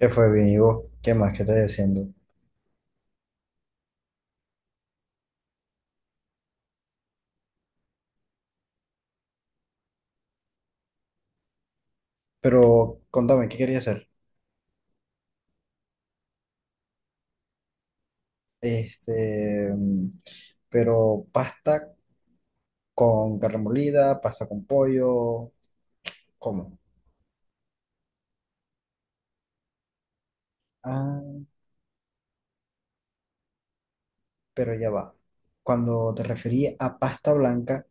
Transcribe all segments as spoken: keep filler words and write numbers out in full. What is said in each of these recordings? ¿Qué fue bien, ¿y vos? ¿Qué más? ¿Qué estás haciendo? Pero contame, ¿qué querías hacer? Este, mm, pero pasta con carne molida, pasta con pollo, ¿cómo? Ah, pero ya va. Cuando te referí a pasta blanca,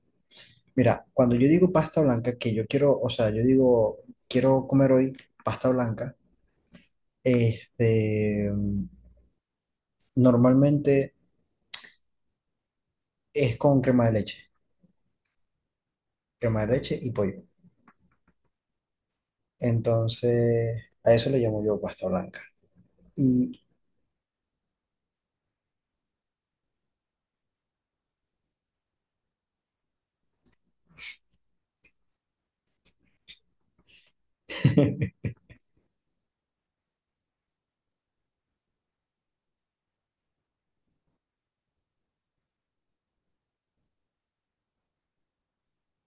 mira, cuando yo digo pasta blanca, que yo quiero, o sea, yo digo, quiero comer hoy pasta blanca, este, mm, normalmente es con crema de leche, crema de leche y pollo. Entonces, a eso le llamo yo pasta blanca. Y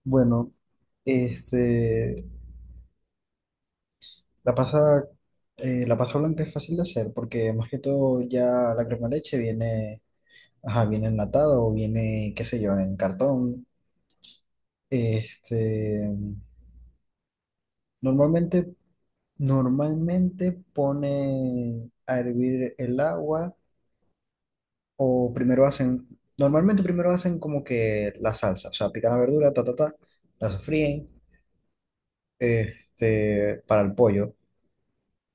bueno, este, la pasa, eh, la pasta blanca es fácil de hacer porque más que todo ya la crema de leche viene, ajá, viene enlatada o viene, qué sé yo, en cartón. Este, normalmente, normalmente pone a hervir el agua o primero hacen, normalmente primero hacen como que la salsa, o sea, pican la verdura, ta, ta, ta, la sofríen este, para el pollo.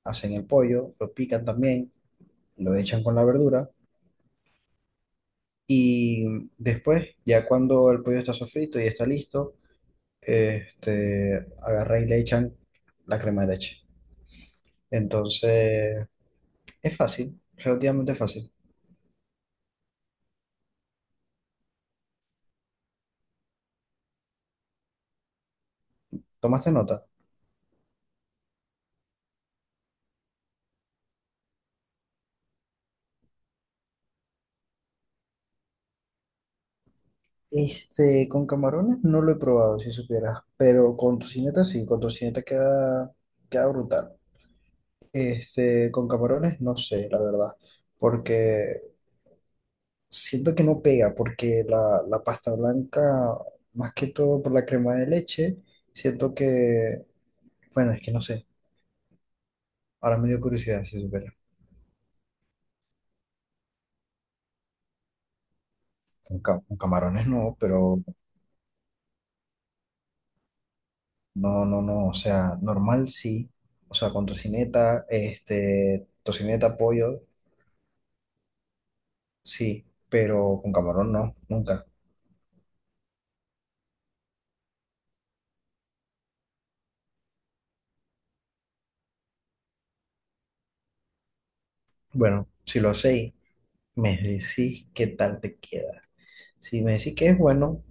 Hacen el pollo, lo pican también, lo echan con la verdura y después, ya cuando el pollo está sofrito y está listo, este, agarran y le echan la crema de leche. Entonces, es fácil, relativamente fácil. ¿Tomaste nota? Este, con camarones no lo he probado, si supieras, pero con tocineta sí, con tocineta queda, queda brutal. Este, con camarones no sé, la verdad, porque siento que no pega porque la, la pasta blanca, más que todo por la crema de leche, siento que, bueno, es que no sé, ahora me dio curiosidad si supera. Con, ca- con camarones no, pero no, no, no, o sea, normal sí, o sea, con tocineta, este, tocineta, pollo, sí, pero con camarón no, nunca. Bueno, si lo hacéis, me decís qué tal te queda. Si me decís que es bueno,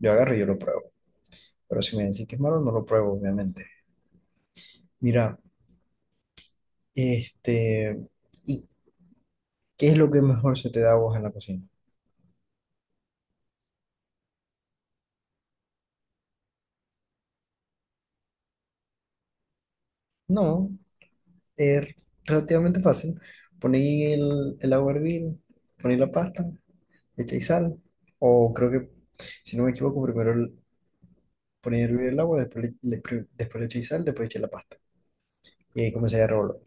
yo agarro y yo lo pruebo, pero si me decís que es malo, no lo pruebo, obviamente. Mira, este, ¿y qué es lo que mejor se te da a vos en la cocina? No, es relativamente fácil. Ponéis el, el agua a hervir, ponéis la pasta, echáis sal, o creo que, si no me equivoco, primero el- ponéis a hervir el agua, después le, le- pri- después le echáis sal, después echáis la pasta. Y ahí comenzáis a revolver.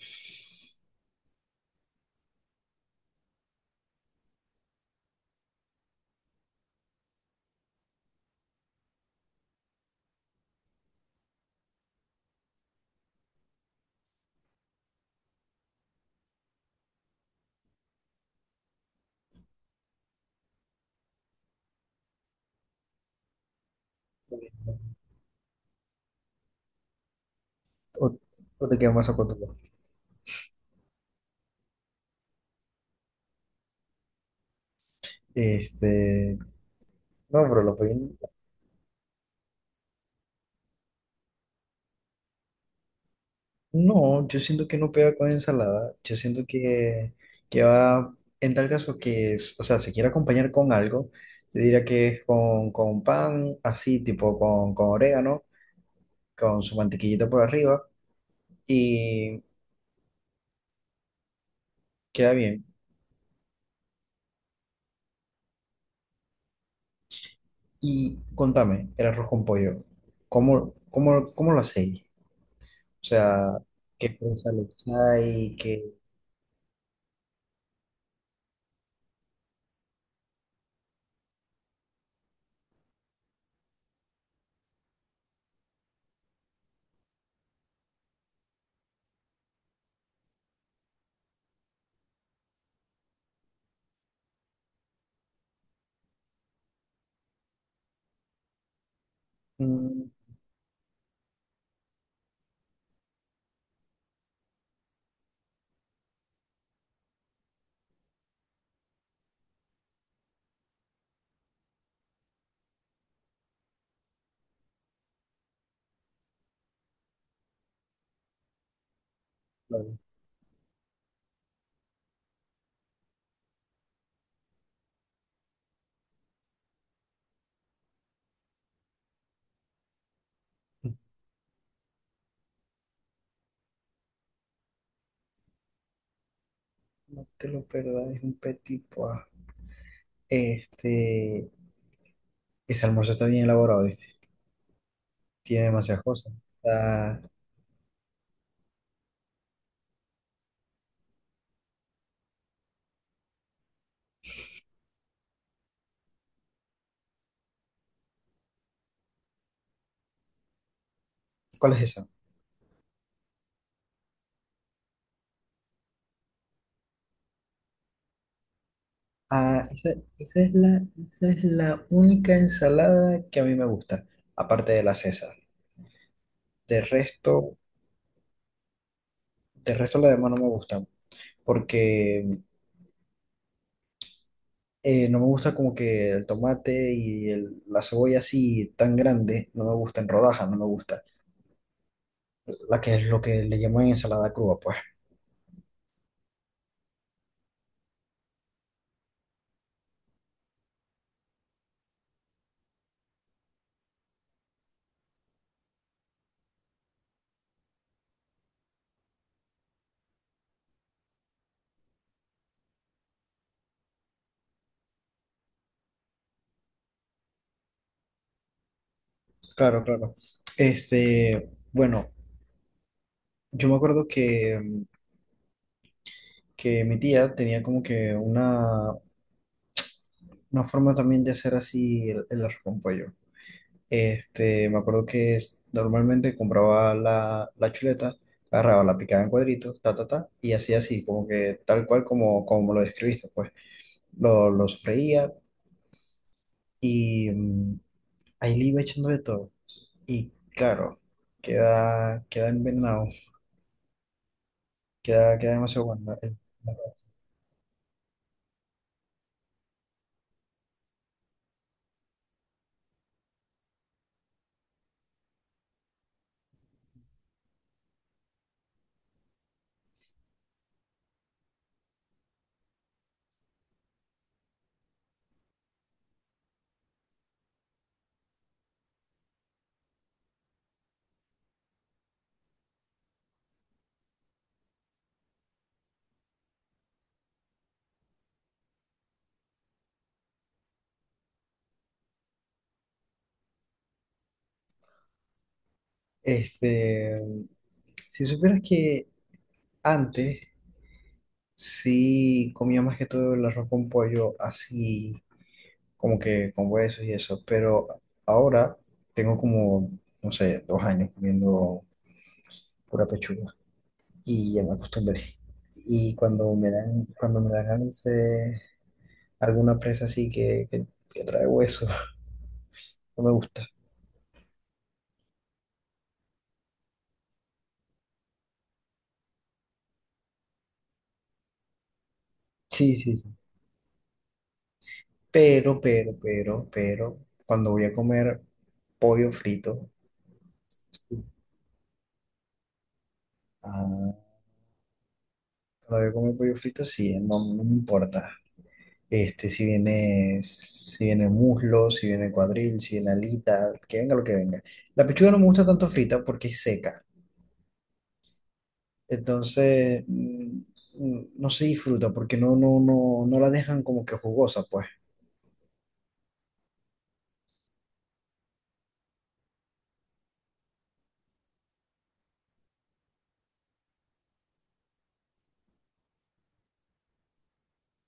O, o te queda más a tu Este, no, pero lo podéis no, yo siento que no pega con ensalada. Yo siento que, que va, en tal caso que, es- o sea, se quiere acompañar con algo, yo diría que es con, con pan, así, tipo con, con orégano, con su mantequillita por arriba, y queda bien. Y contame, el arroz con pollo, ¿cómo, cómo, ¿cómo lo hacéis? O sea, ¿qué prensa le echáis? ¿Qué...? Mm, no, no te lo perdáis, un petit pois. Este... Ese almuerzo está bien elaborado, ¿viste? Tiene demasiadas cosas. Ah, ¿cuál es esa? Ah, esa, esa es la, esa es la única ensalada que a mí me gusta, aparte de la César. De resto, de resto las demás no me gustan, porque eh, no me gusta como que el tomate y el- la cebolla así tan grande, no me gusta en rodajas, no me gusta. La que es lo que le llaman ensalada cruda, pues. Claro, claro. Este, bueno, yo me acuerdo que que mi tía tenía como que una, una forma también de hacer así el, el arroz con pollo. Este, me acuerdo que es- normalmente compraba la, la chuleta, agarraba, la picaba en cuadritos, ta, ta, ta, y hacía así, como que tal cual como, como lo describiste, pues lo, lo freía y mm, ahí le iba echando de todo. Y claro, queda, queda envenenado, queda, queda demasiado bueno. el- Este, si supieras que antes sí, comía más que todo el arroz con pollo, así como que con huesos y eso, pero ahora tengo como, no sé, dos años comiendo pura pechuga y ya me acostumbré. Y cuando me dan, cuando me dan ganas de alguna presa así que, que, que trae hueso, no me gusta. Sí, sí, sí. Pero, pero, pero, pero, cuando voy a comer pollo frito, ah, cuando voy a comer pollo frito, sí, no, no me importa. Este, si viene, si viene muslo, si viene cuadril, si viene alita, que venga lo que venga. La pechuga no me gusta tanto frita porque es seca. Entonces, mm, mm, no se disfruta porque no, no, no, no la dejan como que jugosa, pues.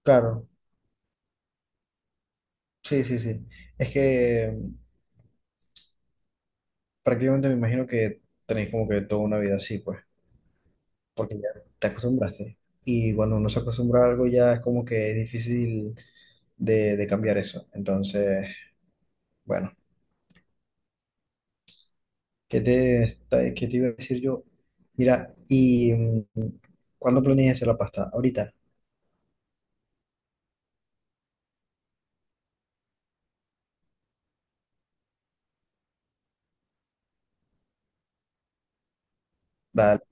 Claro, sí, sí, sí. Es que mm, prácticamente me imagino que tenéis como que toda una vida así, pues, porque ya te acostumbraste. Y cuando uno se acostumbra a algo ya es como que es difícil de, de cambiar eso. Entonces, bueno. ¿Qué te, está- qué te iba a decir yo? Mira, ¿y mm, cuándo planeas hacer la pasta? Ahorita. Dale,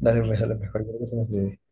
dale, pues, dale, mejor. Yo creo que se me olvidó.